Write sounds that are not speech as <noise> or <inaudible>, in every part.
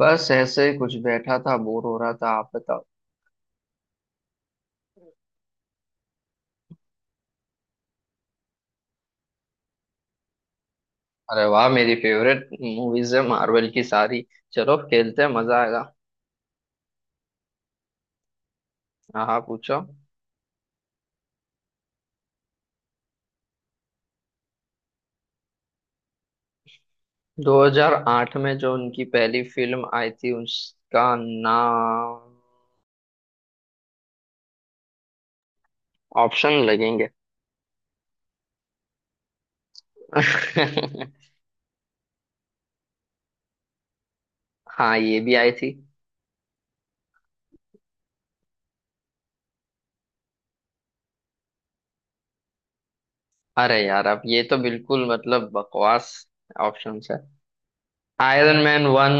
बस ऐसे ही कुछ बैठा था, बोर हो रहा था। आप बताओ। अरे वाह, मेरी फेवरेट मूवीज है मार्वल की सारी। चलो खेलते हैं, मजा आएगा। हाँ हाँ, पूछो। 2008 में जो उनकी पहली फिल्म आई थी उसका नाम? ऑप्शन लगेंगे। <laughs> हाँ, ये भी आई थी। अरे यार, अब ये तो बिल्कुल मतलब बकवास ऑप्शन। आयरन मैन वन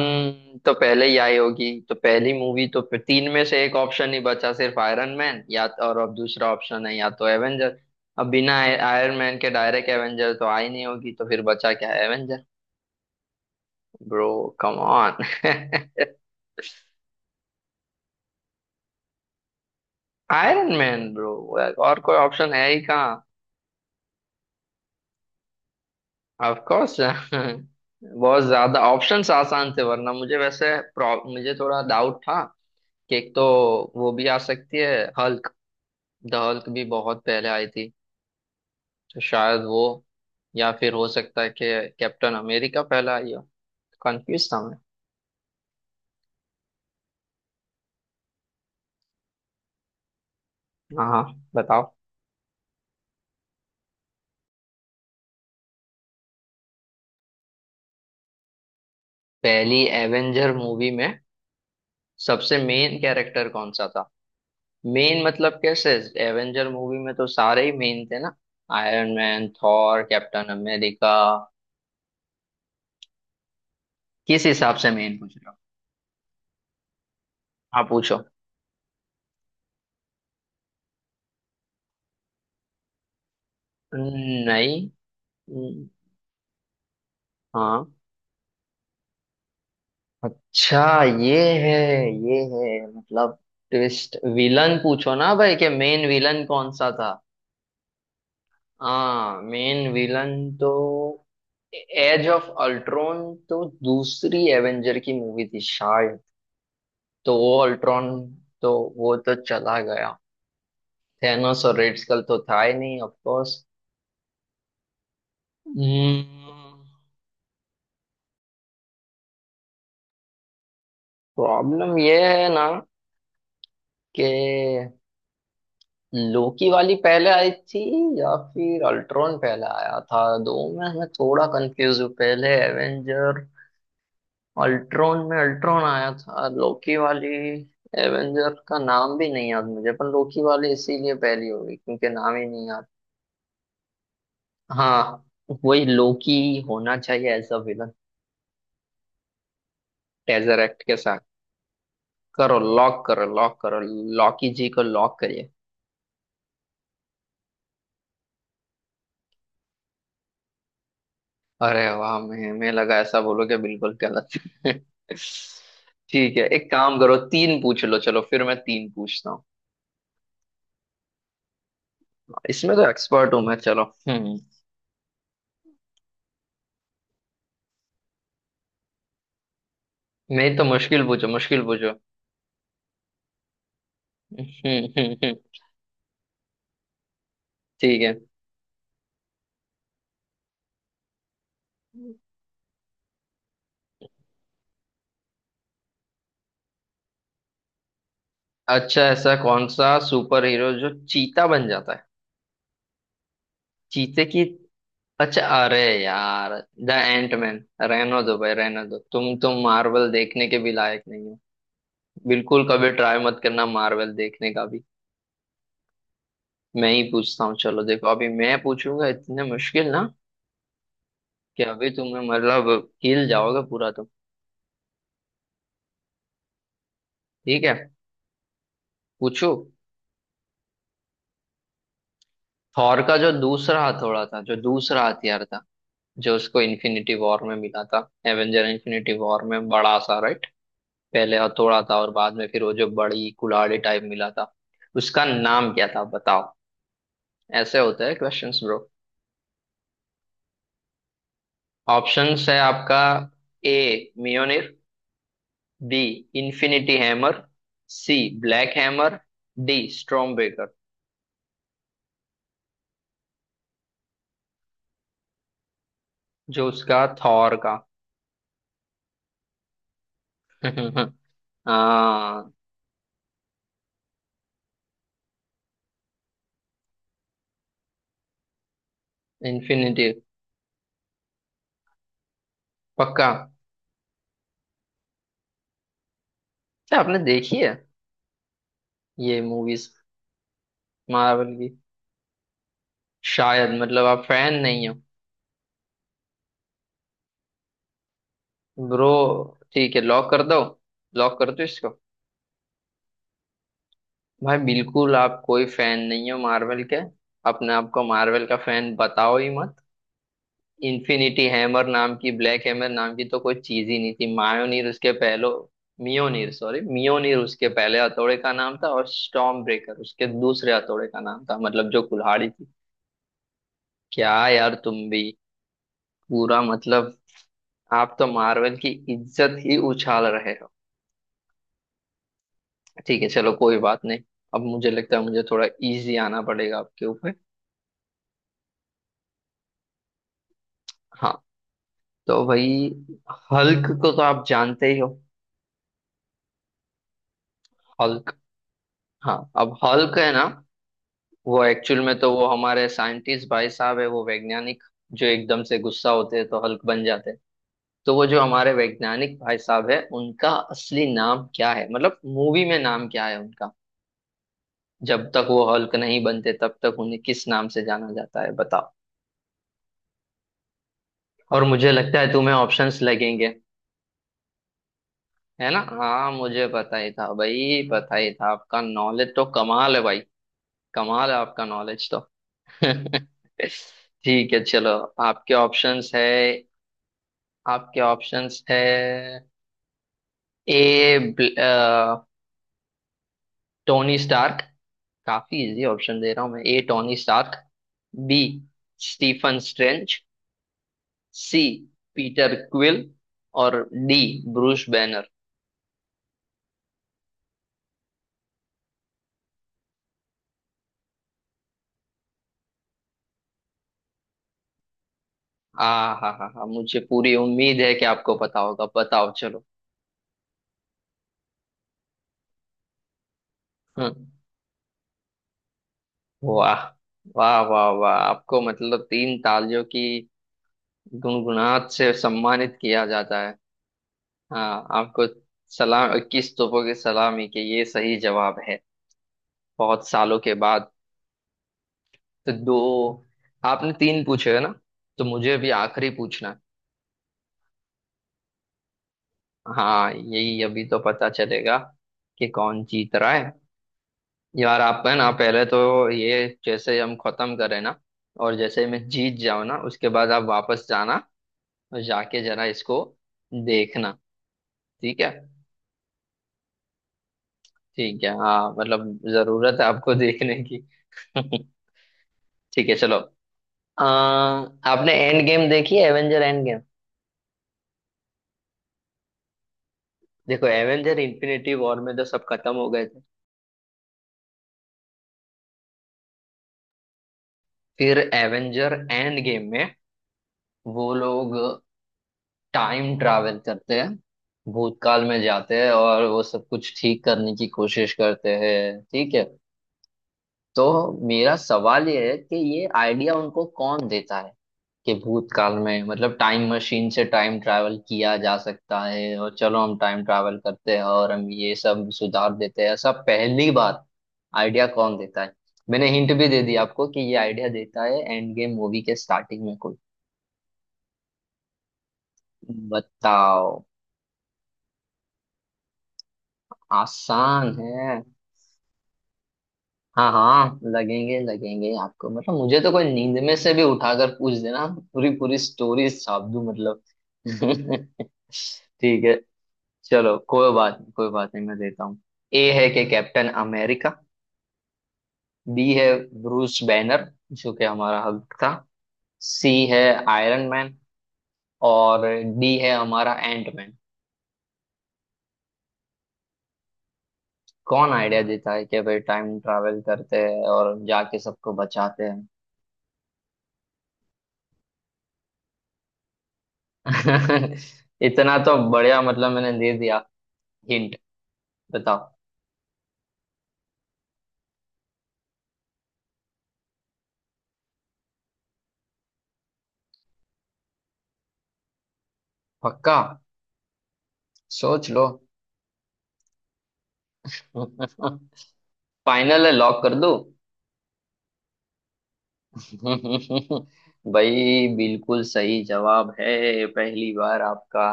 तो पहले ही आई होगी, तो पहली मूवी तो फिर तीन में से एक ऑप्शन ही बचा, सिर्फ आयरन मैन या तो, और अब दूसरा ऑप्शन है या तो एवेंजर। अब बिना आयरन मैन के डायरेक्ट एवेंजर तो आई नहीं होगी, तो फिर बचा क्या? Avenger. Bro, come on. Iron Man bro, <laughs> और कोई ऑप्शन है ही कहाँ। ऑफ कोर्स <laughs> बहुत ज्यादा ऑप्शंस आसान थे, वरना मुझे वैसे मुझे थोड़ा डाउट था कि एक तो वो भी आ सकती है, हल्क। द हल्क भी बहुत पहले आई थी, तो शायद वो, या फिर हो सकता है कि कैप्टन अमेरिका पहला आई हो। कंफ्यूज था मैं। हाँ हाँ, बताओ। पहली एवेंजर मूवी में सबसे मेन कैरेक्टर कौन सा था? मेन मतलब कैसे? एवेंजर मूवी में तो सारे ही मेन थे ना, Iron Man, Thor, Captain America. किस हिसाब से मेन पूछ रहे हो? आप पूछो। नहीं। हम्म, हाँ। अच्छा, ये है, ये है मतलब ट्विस्ट विलन। पूछो ना भाई कि मेन विलन कौन सा था। हाँ, मेन विलन तो एज ऑफ अल्ट्रॉन, तो दूसरी एवेंजर की मूवी थी शायद। तो वो अल्ट्रॉन, तो वो तो चला गया। थेनोस और रेड स्कल तो था ही नहीं, ऑफ कोर्स। प्रॉब्लम ये है ना कि लोकी वाली पहले आई थी या फिर अल्ट्रॉन पहले आया था, दो में मैं थोड़ा कंफ्यूज हूँ। पहले एवेंजर अल्ट्रॉन में अल्ट्रॉन आया था, लोकी वाली एवेंजर का नाम भी नहीं याद मुझे। पर लोकी वाली इसीलिए पहली होगी क्योंकि नाम ही नहीं याद। हाँ, वही लोकी होना चाहिए एज अ विलन, टेजरेक्ट के साथ। करो, लॉक करो, लॉक करो। लॉकी जी को लॉक करिए। अरे वाह, मैं लगा ऐसा बोलोगे बिल्कुल गलत है। ठीक है, एक काम करो, तीन पूछ लो, चलो फिर मैं तीन पूछता हूँ। इसमें तो एक्सपर्ट हूँ मैं, चलो। हम्म। नहीं तो मुश्किल पूछो, मुश्किल पूछो। हम्म, हम्म, हम्म, ठीक है। अच्छा, ऐसा कौन सा सुपर हीरो जो चीता बन जाता है? चीते की? अच्छा, अरे यार, द एंट मैन। रहने दो भाई, रहने दो। तुम मार्वल देखने के भी लायक नहीं हो। बिल्कुल कभी ट्राई मत करना मार्वल देखने का। मैं ही पूछता हूँ, चलो देखो, अभी मैं पूछूंगा इतने मुश्किल ना कि अभी तुम्हें मतलब हिल जाओगे पूरा तुम। ठीक है, पूछो। थॉर का जो दूसरा हथौड़ा था, जो दूसरा हथियार था, जो उसको इन्फिनिटी वॉर में मिला था, एवेंजर इन्फिनिटी वॉर में, बड़ा सा, राइट? पहले हथौड़ा था और बाद में फिर वो जो बड़ी कुल्हाड़ी टाइप मिला था, उसका नाम क्या था बताओ। ऐसे होता है क्वेश्चंस ब्रो। ऑप्शंस है आपका। ए, मियोनिर। B, Infinity Hammer. C, Black Hammer. D, Stormbreaker. जो उसका थॉर का <laughs> हाँ, इन्फिनिटी। पक्का। क्या आपने देखी है ये मूवीज मार्वल की? शायद मतलब आप फैन नहीं हो ब्रो। ठीक है, लॉक कर दो, लॉक कर दो इसको। भाई बिल्कुल आप कोई फैन नहीं हो मार्वल के। अपने आप को मार्वल का फैन बताओ ही मत। इन्फिनिटी हैमर नाम की, ब्लैक हैमर नाम की तो कोई चीज ही नहीं थी। मायोनीर उसके पहलो, मियोनीर, सॉरी, मियोनीर उसके पहले हथौड़े का नाम था, और स्टॉर्म ब्रेकर उसके दूसरे हथौड़े का नाम था, मतलब जो कुल्हाड़ी थी। क्या यार, तुम भी पूरा मतलब आप तो मार्वल की इज्जत ही उछाल रहे हो। ठीक है, चलो कोई बात नहीं। अब मुझे लगता है मुझे थोड़ा इजी आना पड़ेगा आपके ऊपर। हाँ, तो भाई हल्क को तो आप जानते ही हो, हल्क। हाँ, अब हल्क है ना, वो एक्चुअल में तो वो हमारे साइंटिस्ट भाई साहब है, वो वैज्ञानिक जो एकदम से गुस्सा होते हैं तो हल्क बन जाते हैं। तो वो जो हमारे वैज्ञानिक भाई साहब है, उनका असली नाम क्या है, मतलब मूवी में नाम क्या है उनका, जब तक वो हल्क नहीं बनते तब तक उन्हें किस नाम से जाना जाता है, बताओ। और मुझे लगता है तुम्हें ऑप्शंस लगेंगे, है ना? हाँ, मुझे पता ही था भाई, पता ही था, आपका नॉलेज तो कमाल है भाई। कमाल है आपका नॉलेज तो। <laughs> ठीक है, चलो, आपके ऑप्शंस है, आपके ऑप्शंस है। A, Tony Stark. काफी इजी ऑप्शन दे रहा हूं मैं। A, Tony Stark. B, Stephen Strange. C, Peter Quill. और डी, ब्रूस बैनर। आ, हा हा हा, मुझे पूरी उम्मीद है कि आपको पता होगा, बताओ चलो। हम्म। वाह, वाह वाह वाह आपको मतलब तीन तालियों की गुनगुनाहट से सम्मानित किया जाता है। हाँ, आपको सलाम, इक्कीस तोपों की सलामी के, ये सही जवाब है बहुत सालों के बाद। तो दो, आपने तीन पूछे है ना, तो मुझे अभी आखिरी पूछना है। हाँ, यही अभी तो पता चलेगा कि कौन जीत रहा है। यार आप है ना, पहले तो ये जैसे हम खत्म करें ना, और जैसे मैं जीत जाऊँ ना, उसके बाद आप वापस जाना और जाके जरा इसको देखना, ठीक है। ठीक है हाँ, मतलब जरूरत है आपको देखने की। <laughs> ठीक है, चलो। आपने एंड गेम देखी है, एवेंजर एंड गेम। देखो, एवेंजर इन्फिनिटी वॉर में तो सब खत्म हो गए थे। फिर एवेंजर एंड गेम में वो लोग टाइम ट्रैवल करते हैं, भूतकाल में जाते हैं और वो सब कुछ ठीक करने की कोशिश करते हैं, ठीक है। तो मेरा सवाल ये है कि ये आइडिया उनको कौन देता है कि भूतकाल में मतलब टाइम मशीन से टाइम ट्रैवल किया जा सकता है, और चलो हम टाइम ट्रैवल करते हैं और हम ये सब सुधार देते हैं, ऐसा पहली बार आइडिया कौन देता है? मैंने हिंट भी दे दी आपको कि ये आइडिया देता है एंड गेम मूवी के स्टार्टिंग में कोई, बताओ। आसान है। हाँ हाँ, लगेंगे लगेंगे आपको, मतलब मुझे तो कोई नींद में से भी उठाकर पूछ देना, पूरी पूरी स्टोरी छाप दूं मतलब। <laughs> ठीक है, चलो कोई बात नहीं, कोई बात नहीं, मैं देता हूँ। ए है कि कैप्टन अमेरिका। बी है ब्रूस बैनर, जो कि हमारा हल्क था। सी है आयरन मैन। और डी है हमारा एंट मैन। कौन आइडिया देता है कि भाई टाइम ट्रैवल करते हैं और जाके सबको बचाते हैं? <laughs> इतना तो बढ़िया मतलब मैंने दे दिया हिंट, बताओ। पक्का? सोच लो। <laughs> फाइनल है, लॉक कर दूं? <laughs> भाई बिल्कुल सही जवाब है, पहली बार आपका।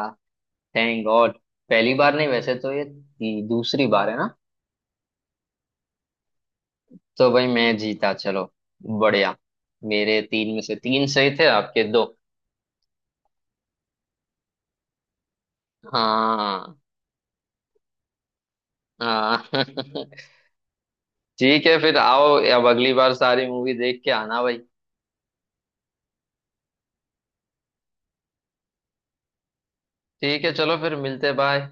Thank God. पहली बार नहीं वैसे, तो ये दूसरी बार है ना। तो भाई मैं जीता, चलो, बढ़िया। मेरे तीन में से तीन सही थे, आपके दो। हाँ हाँ। <laughs> ठीक है, फिर आओ, अब अगली बार सारी मूवी देख के आना भाई। ठीक है, चलो फिर मिलते, बाय।